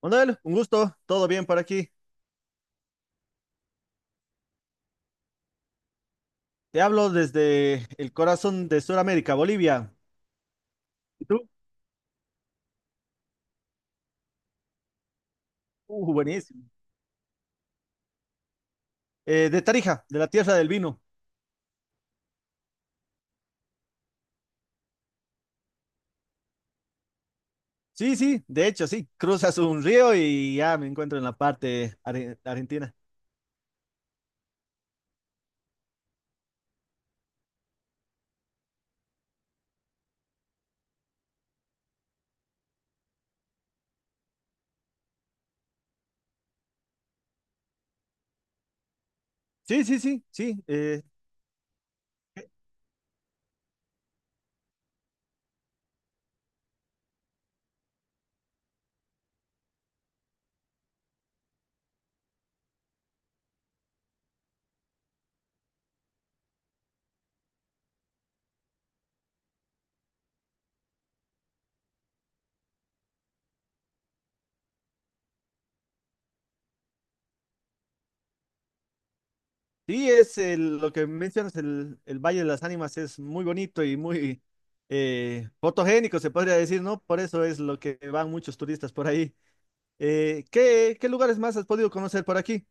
Manuel, un gusto, todo bien por aquí. Te hablo desde el corazón de Sudamérica, Bolivia. ¿Y tú? Buenísimo. De Tarija, de la tierra del vino. Sí, sí, de hecho, sí. Cruzas un río y ya me encuentro en la parte argentina. Sí, sí, sí, sí. Sí, es lo que mencionas, el Valle de las Ánimas es muy bonito y muy fotogénico, se podría decir, ¿no? Por eso es lo que van muchos turistas por ahí. Qué lugares más has podido conocer por aquí?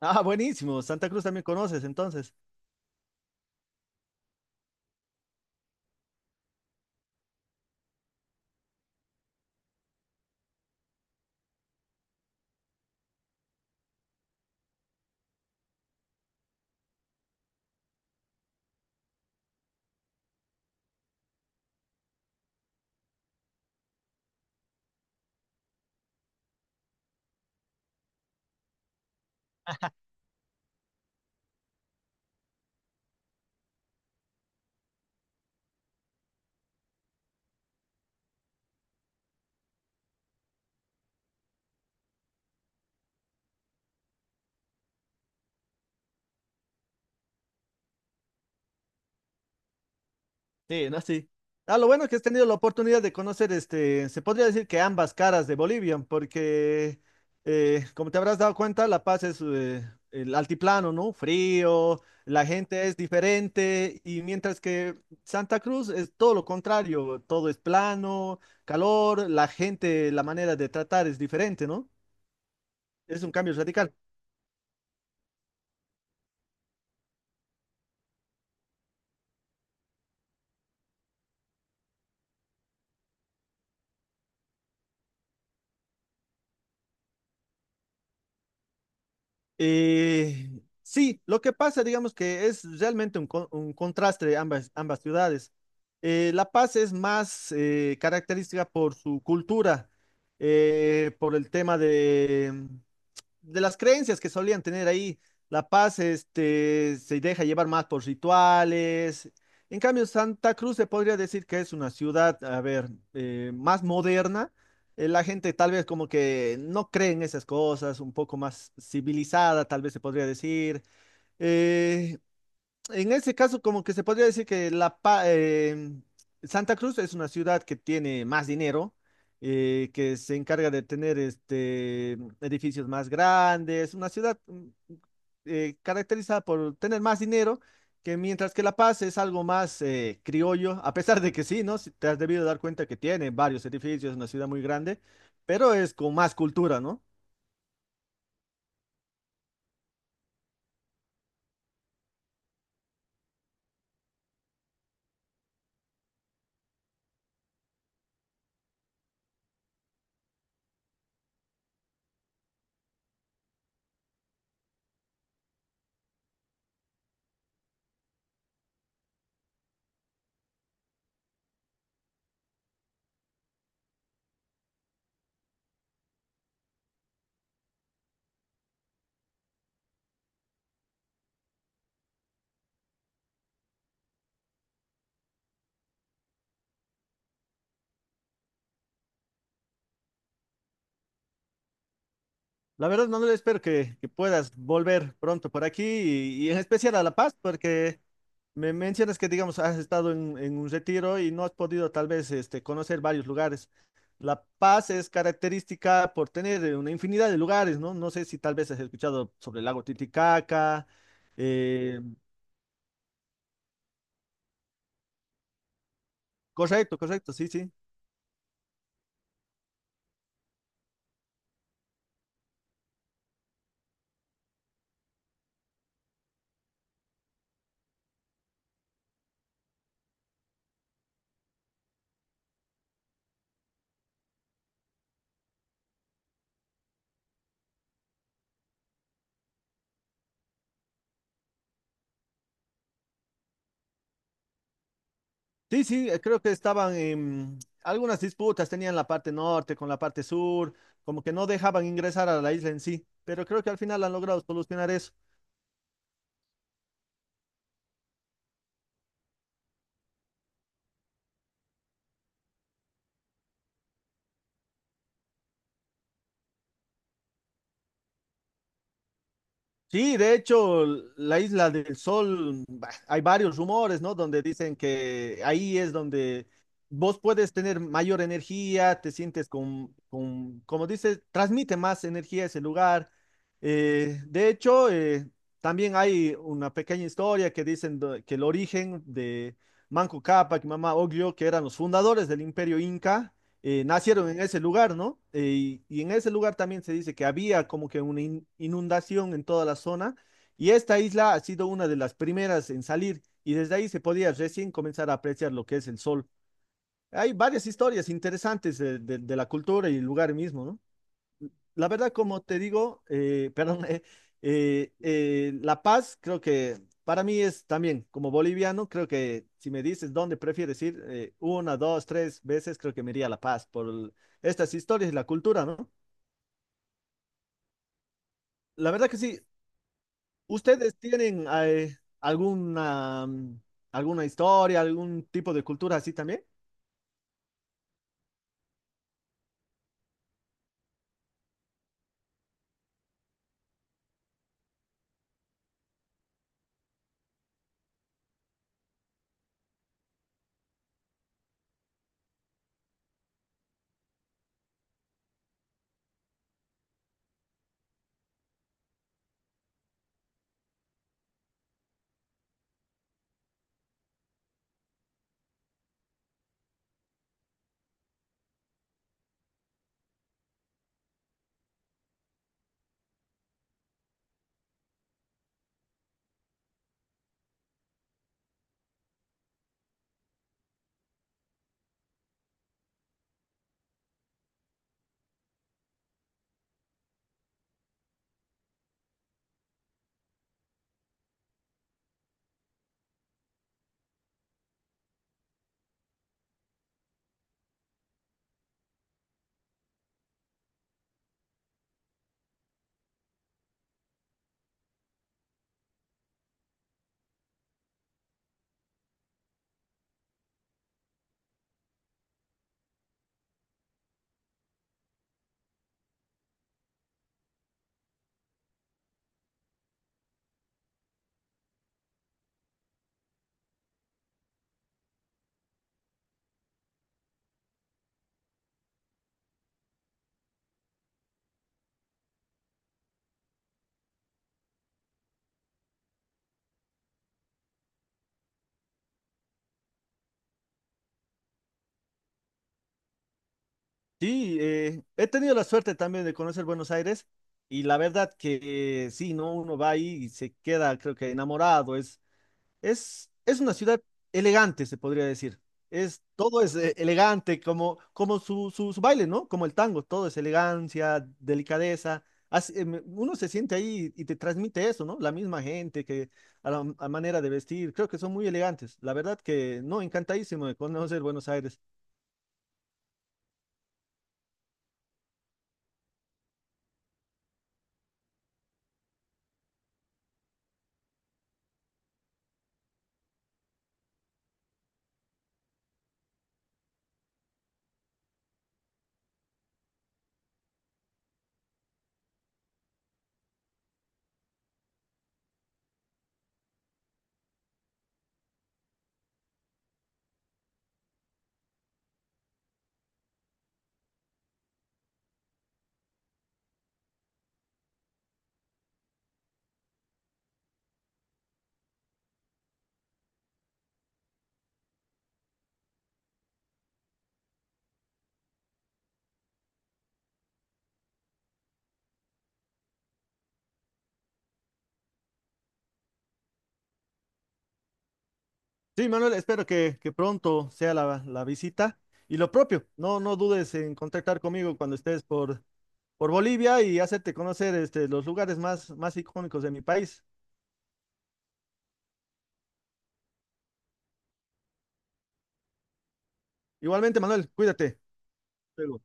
Ah, buenísimo. Santa Cruz también conoces, entonces. Sí, no, sí. Ah, lo bueno es que has tenido la oportunidad de conocer, este, se podría decir que ambas caras de Bolivia, porque, como te habrás dado cuenta, La Paz es el altiplano, ¿no? Frío, la gente es diferente, y mientras que Santa Cruz es todo lo contrario, todo es plano, calor, la gente, la manera de tratar es diferente, ¿no? Es un cambio radical. Eh, sí, lo que pasa, digamos que es realmente un, un contraste de ambas ciudades. La Paz es más característica por su cultura, por el tema de las creencias que solían tener ahí. La Paz, este, se deja llevar más por rituales. En cambio, Santa Cruz se podría decir que es una ciudad, a ver, más moderna. La gente tal vez como que no cree en esas cosas, un poco más civilizada, tal vez se podría decir. Eh, en ese caso, como que se podría decir que Santa Cruz es una ciudad que tiene más dinero, que se encarga de tener este, edificios más grandes, una ciudad caracterizada por tener más dinero, que mientras que La Paz es algo más criollo, a pesar de que sí, ¿no? Si te has debido dar cuenta que tiene varios edificios, es una ciudad muy grande, pero es con más cultura, ¿no? La verdad, Manuel, espero que puedas volver pronto por aquí y en especial a La Paz, porque me mencionas que, digamos, has estado en un retiro y no has podido tal vez este, conocer varios lugares. La Paz es característica por tener una infinidad de lugares, ¿no? No sé si tal vez has escuchado sobre el lago Titicaca. eh, Correcto, correcto, sí, sí. Sí, sí, creo que estaban en algunas disputas, tenían la parte norte con la parte sur, como que no dejaban ingresar a la isla en sí, pero creo que al final han logrado solucionar eso. Sí, de hecho, la Isla del Sol, bah, hay varios rumores, ¿no? Donde dicen que ahí es donde vos puedes tener mayor energía, te sientes con como dices, transmite más energía ese lugar. De hecho, también hay una pequeña historia que dicen que el origen de Manco Cápac y Mama Oglio, que eran los fundadores del Imperio Inca, nacieron en ese lugar, ¿no? Y, y en ese lugar también se dice que había como que una inundación en toda la zona y esta isla ha sido una de las primeras en salir y desde ahí se podía recién comenzar a apreciar lo que es el sol. Hay varias historias interesantes de, de la cultura y el lugar mismo, ¿no? La verdad, como te digo, perdón, La Paz creo que para mí es también, como boliviano, creo que si me dices dónde prefieres ir, una, dos, tres veces, creo que me iría a La Paz por estas historias y la cultura, ¿no? La verdad que sí, ¿ustedes tienen alguna, alguna historia, algún tipo de cultura así también? Sí, he tenido la suerte también de conocer Buenos Aires. Y la verdad que sí, ¿no? Uno va ahí y se queda, creo que enamorado, es una ciudad elegante, se podría decir. Es, todo es elegante, como, como su baile, ¿no? Como el tango, todo es elegancia, delicadeza. Así, uno se siente ahí y te transmite eso, ¿no? La misma gente que a manera de vestir, creo que son muy elegantes. La verdad que no, encantadísimo de conocer Buenos Aires. Sí, Manuel, espero que pronto sea la, la visita. Y lo propio, no, no dudes en contactar conmigo cuando estés por Bolivia y hacerte conocer este, los lugares más, más icónicos de mi país. Igualmente, Manuel, cuídate. Luego.